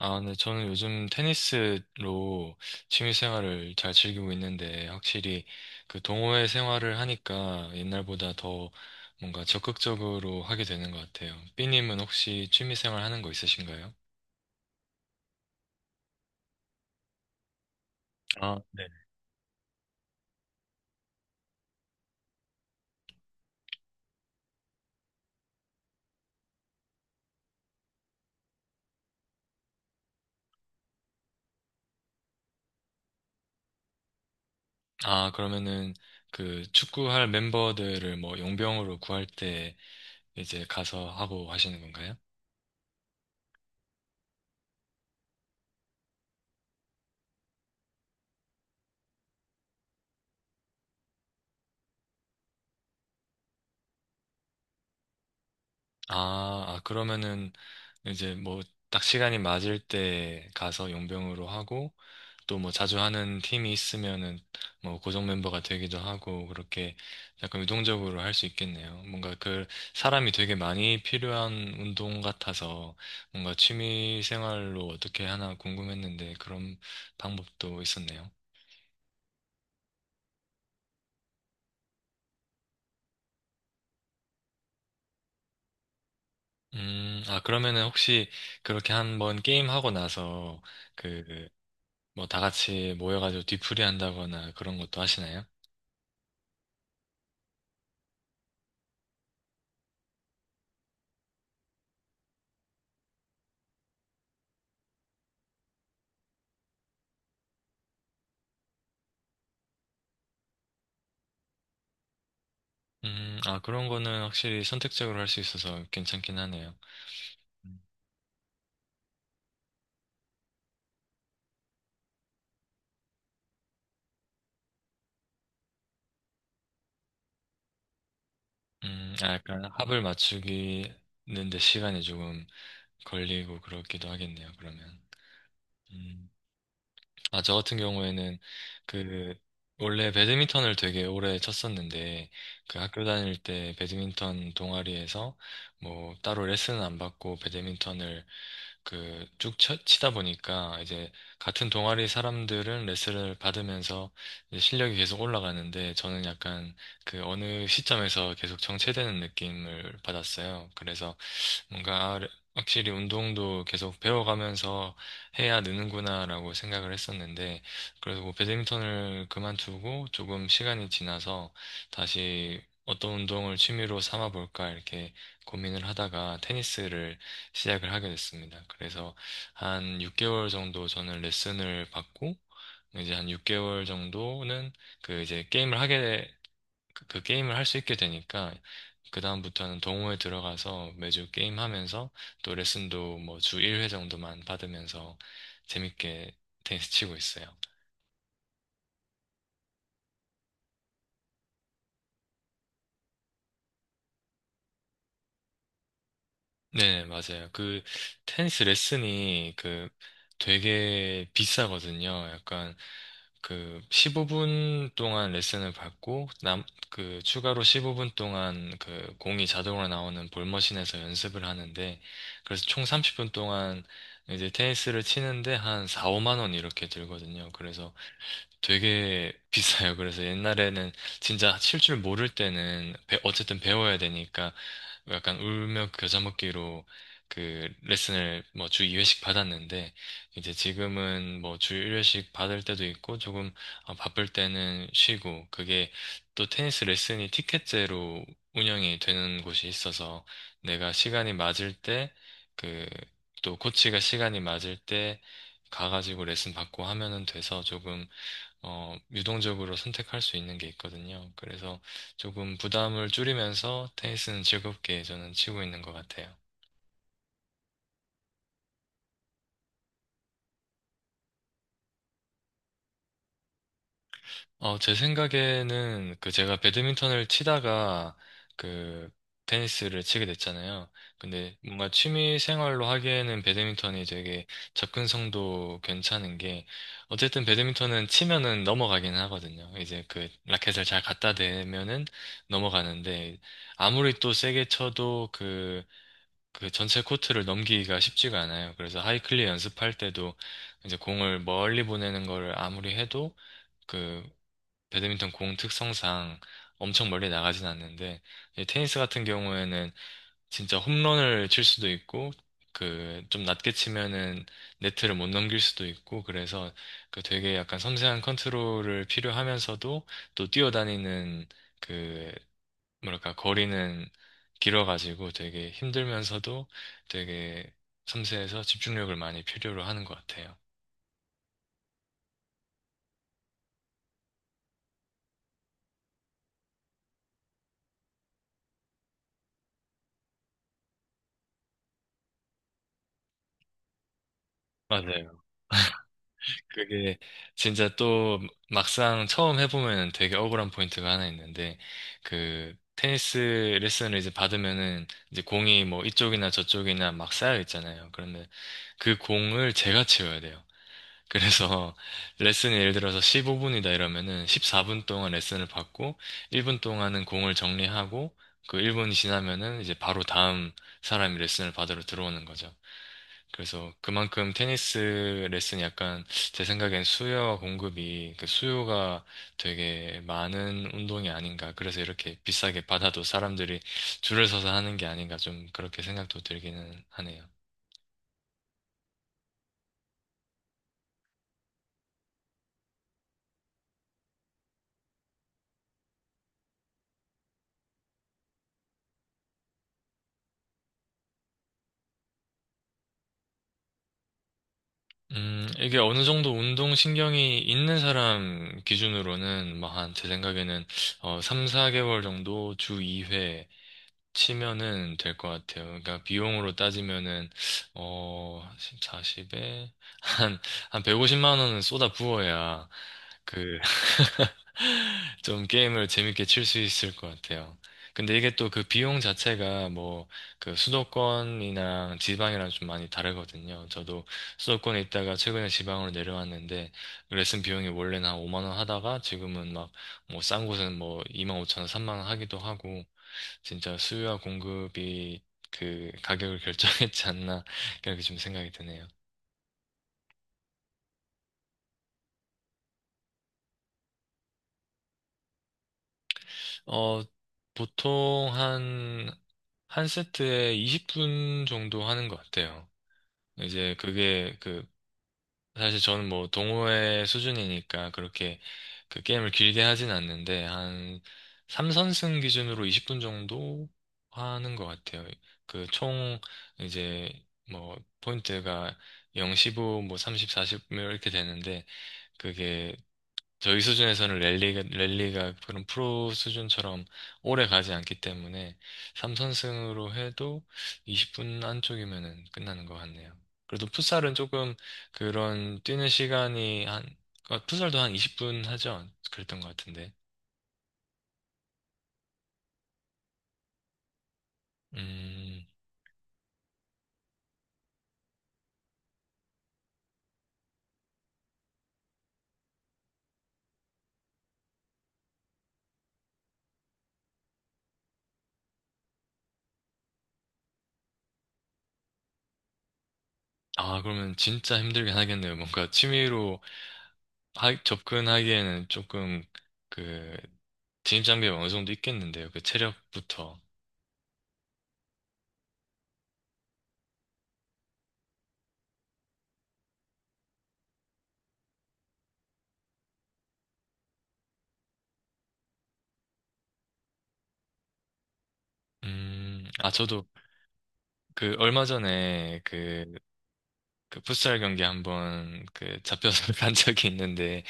아, 네, 저는 요즘 테니스로 취미 생활을 잘 즐기고 있는데, 확실히 그 동호회 생활을 하니까 옛날보다 더 뭔가 적극적으로 하게 되는 것 같아요. 삐님은 혹시 취미 생활 하는 거 있으신가요? 아, 네. 아, 그러면은 그 축구할 멤버들을 뭐 용병으로 구할 때 이제 가서 하고 하시는 건가요? 아, 아, 그러면은 이제 뭐 딱 시간이 맞을 때 가서 용병으로 하고 또 뭐 자주 하는 팀이 있으면은 뭐 고정 멤버가 되기도 하고 그렇게 약간 유동적으로 할 수 있겠네요. 뭔가 그 사람이 되게 많이 필요한 운동 같아서 뭔가 취미 생활로 어떻게 하나 궁금했는데 그런 방법도 있었네요. 아, 그러면은 혹시 그렇게 한번 게임하고 나서 그 뭐 다 같이 모여가지고 뒤풀이 한다거나 그런 것도 하시나요? 아, 그런 거는 확실히 선택적으로 할 수 있어서 괜찮긴 하네요. 아, 약간 합을 맞추기는데 시간이 조금 걸리고 그렇기도 하겠네요, 그러면. 음, 아, 저 같은 경우에는 그, 원래 배드민턴을 되게 오래 쳤었는데, 그 학교 다닐 때 배드민턴 동아리에서 뭐 따로 레슨은 안 받고 배드민턴을 그 쭉 치다 보니까 이제 같은 동아리 사람들은 레슨을 받으면서 이제 실력이 계속 올라가는데 저는 약간 그 어느 시점에서 계속 정체되는 느낌을 받았어요. 그래서 뭔가 아, 확실히 운동도 계속 배워가면서 해야 느는구나라고 생각을 했었는데, 그래서 뭐 배드민턴을 그만두고 조금 시간이 지나서 다시 어떤 운동을 취미로 삼아 볼까 이렇게 고민을 하다가 테니스를 시작을 하게 됐습니다. 그래서 한 6개월 정도 저는 레슨을 받고, 이제 한 6개월 정도는 그 이제 게임을 하게 그 게임을 할 수 있게 되니까 그다음부터는 동호회 들어가서 매주 게임하면서 또 레슨도 뭐 주 1회 정도만 받으면서 재밌게 테니스 치고 있어요. 네, 맞아요. 그 테니스 레슨이 그 되게 비싸거든요. 약간 그 15분 동안 레슨을 받고 남 그 추가로 15분 동안 그 공이 자동으로 나오는 볼머신에서 연습을 하는데 그래서 총 30분 동안 이제 테니스를 치는데 한 4, 5만 원 이렇게 들거든요. 그래서 되게 비싸요. 그래서 옛날에는 진짜 칠 줄 모를 때는 어쨌든 배워야 되니까 약간 울며 그 겨자 먹기로 그 레슨을 뭐 주 2회씩 받았는데 이제 지금은 뭐 주 1회씩 받을 때도 있고 조금 아, 바쁠 때는 쉬고 그게 또 테니스 레슨이 티켓제로 운영이 되는 곳이 있어서 내가 시간이 맞을 때 그 또 코치가 시간이 맞을 때 가가지고 레슨 받고 하면은 돼서 조금 유동적으로 선택할 수 있는 게 있거든요. 그래서 조금 부담을 줄이면서 테니스는 즐겁게 저는 치고 있는 것 같아요. 제 생각에는 그 제가 배드민턴을 치다가 그 테니스를 치게 됐잖아요. 근데 뭔가 취미 생활로 하기에는 배드민턴이 되게 접근성도 괜찮은 게 어쨌든 배드민턴은 치면은 넘어가긴 하거든요. 이제 그 라켓을 잘 갖다 대면은 넘어가는데 아무리 또 세게 쳐도 그 전체 코트를 넘기기가 쉽지가 않아요. 그래서 하이클리 연습할 때도 이제 공을 멀리 보내는 거를 아무리 해도 그 배드민턴 공 특성상 엄청 멀리 나가진 않는데 이 테니스 같은 경우에는 진짜 홈런을 칠 수도 있고 그 좀 낮게 치면은 네트를 못 넘길 수도 있고 그래서 그 되게 약간 섬세한 컨트롤을 필요하면서도 또 뛰어다니는 그 뭐랄까, 거리는 길어가지고 되게 힘들면서도 되게 섬세해서 집중력을 많이 필요로 하는 것 같아요. 맞아요. 그게 진짜 또 막상 처음 해보면 되게 억울한 포인트가 하나 있는데, 그 테니스 레슨을 이제 받으면은 이제 공이 뭐 이쪽이나 저쪽이나 막 쌓여 있잖아요. 그러면 그 공을 제가 치워야 돼요. 그래서 레슨이 예를 들어서 15분이다 이러면은 14분 동안 레슨을 받고 1분 동안은 공을 정리하고 그 1분이 지나면은 이제 바로 다음 사람이 레슨을 받으러 들어오는 거죠. 그래서 그만큼 테니스 레슨이 약간 제 생각엔 수요와 공급이 그 수요가 되게 많은 운동이 아닌가. 그래서 이렇게 비싸게 받아도 사람들이 줄을 서서 하는 게 아닌가 좀 그렇게 생각도 들기는 하네요. 이게 어느 정도 운동신경이 있는 사람 기준으로는, 막, 한, 제 생각에는, 3, 4개월 정도 주 2회, 치면은 될 것 같아요. 그러니까 비용으로 따지면은 어 40에 한 한 150만 원은 쏟아 부어야 그 좀 게임을 재밌게 칠 수 있을 것 같아요. 근데 이게 또 그 비용 자체가 뭐 그 수도권이랑 지방이랑 좀 많이 다르거든요. 저도 수도권에 있다가 최근에 지방으로 내려왔는데 레슨 비용이 원래는 한 5만 원 하다가 지금은 막 뭐 싼 곳은 뭐 2만 5천 원, 3만 원 하기도 하고 진짜 수요와 공급이 그 가격을 결정했지 않나 그렇게 좀 생각이 드네요. 어, 보통 한, 한 세트에 20분 정도 하는 것 같아요. 이제 그게 그, 사실 저는 뭐 동호회 수준이니까 그렇게 그 게임을 길게 하진 않는데 한 3선승 기준으로 20분 정도 하는 것 같아요. 그 총 이제 뭐 포인트가 0, 15, 뭐 30, 40 이렇게 되는데 그게 저희 수준에서는 랠리가 그런 프로 수준처럼 오래 가지 않기 때문에 3선승으로 해도 20분 안쪽이면은 끝나는 것 같네요. 그래도 풋살은 조금 그런 뛰는 시간이 한, 풋살도 한 20분 하죠? 그랬던 것 같은데. 음, 아, 그러면 진짜 힘들긴 하겠네요. 뭔가 취미로 접근하기에는 조금 그 진입 장벽이 어느 정도 있겠는데요. 그 체력부터. 아, 저도 그 얼마 전에 그, 풋살 경기 한번 그 잡혀서 간 적이 있는데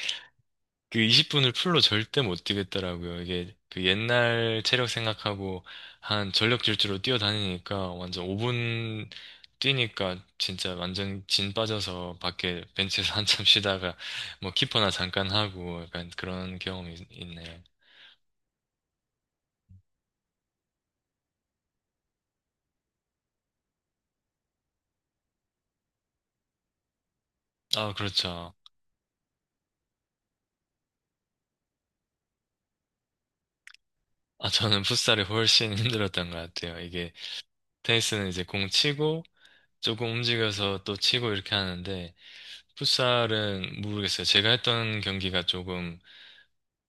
그 20분을 풀로 절대 못 뛰겠더라고요. 이게 그 옛날 체력 생각하고 한 전력 질주로 뛰어다니니까 완전 5분 뛰니까 진짜 완전 진 빠져서 밖에 벤치에서 한참 쉬다가 뭐 키퍼나 잠깐 하고 약간 그런 경험이 있네요. 아, 그렇죠. 아, 저는 풋살이 훨씬 힘들었던 것 같아요. 이게 테니스는 이제 공 치고 조금 움직여서 또 치고 이렇게 하는데, 풋살은 모르겠어요. 제가 했던 경기가 조금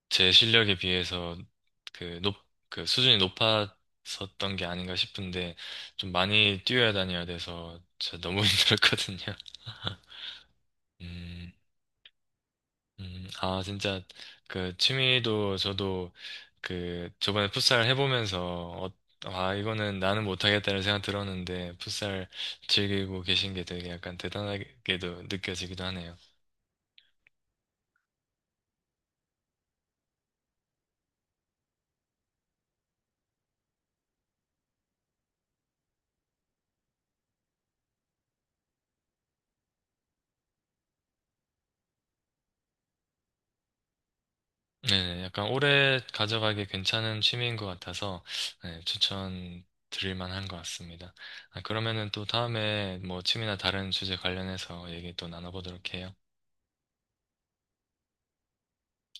제 실력에 비해서 그 높, 그 수준이 높았었던 게 아닌가 싶은데, 좀 많이 뛰어야 다녀야 돼서 저 너무 힘들었거든요. 음, 아, 진짜, 그, 취미도 저도, 그, 저번에 풋살 해보면서, 아, 이거는 나는 못하겠다는 생각 들었는데, 풋살 즐기고 계신 게 되게 약간 대단하게도 느껴지기도 하네요. 네네, 약간 오래 가져가기 괜찮은 취미인 것 같아서, 네, 추천 드릴 만한 것 같습니다. 아, 그러면은 또 다음에 뭐 취미나 다른 주제 관련해서 얘기 또 나눠보도록 해요.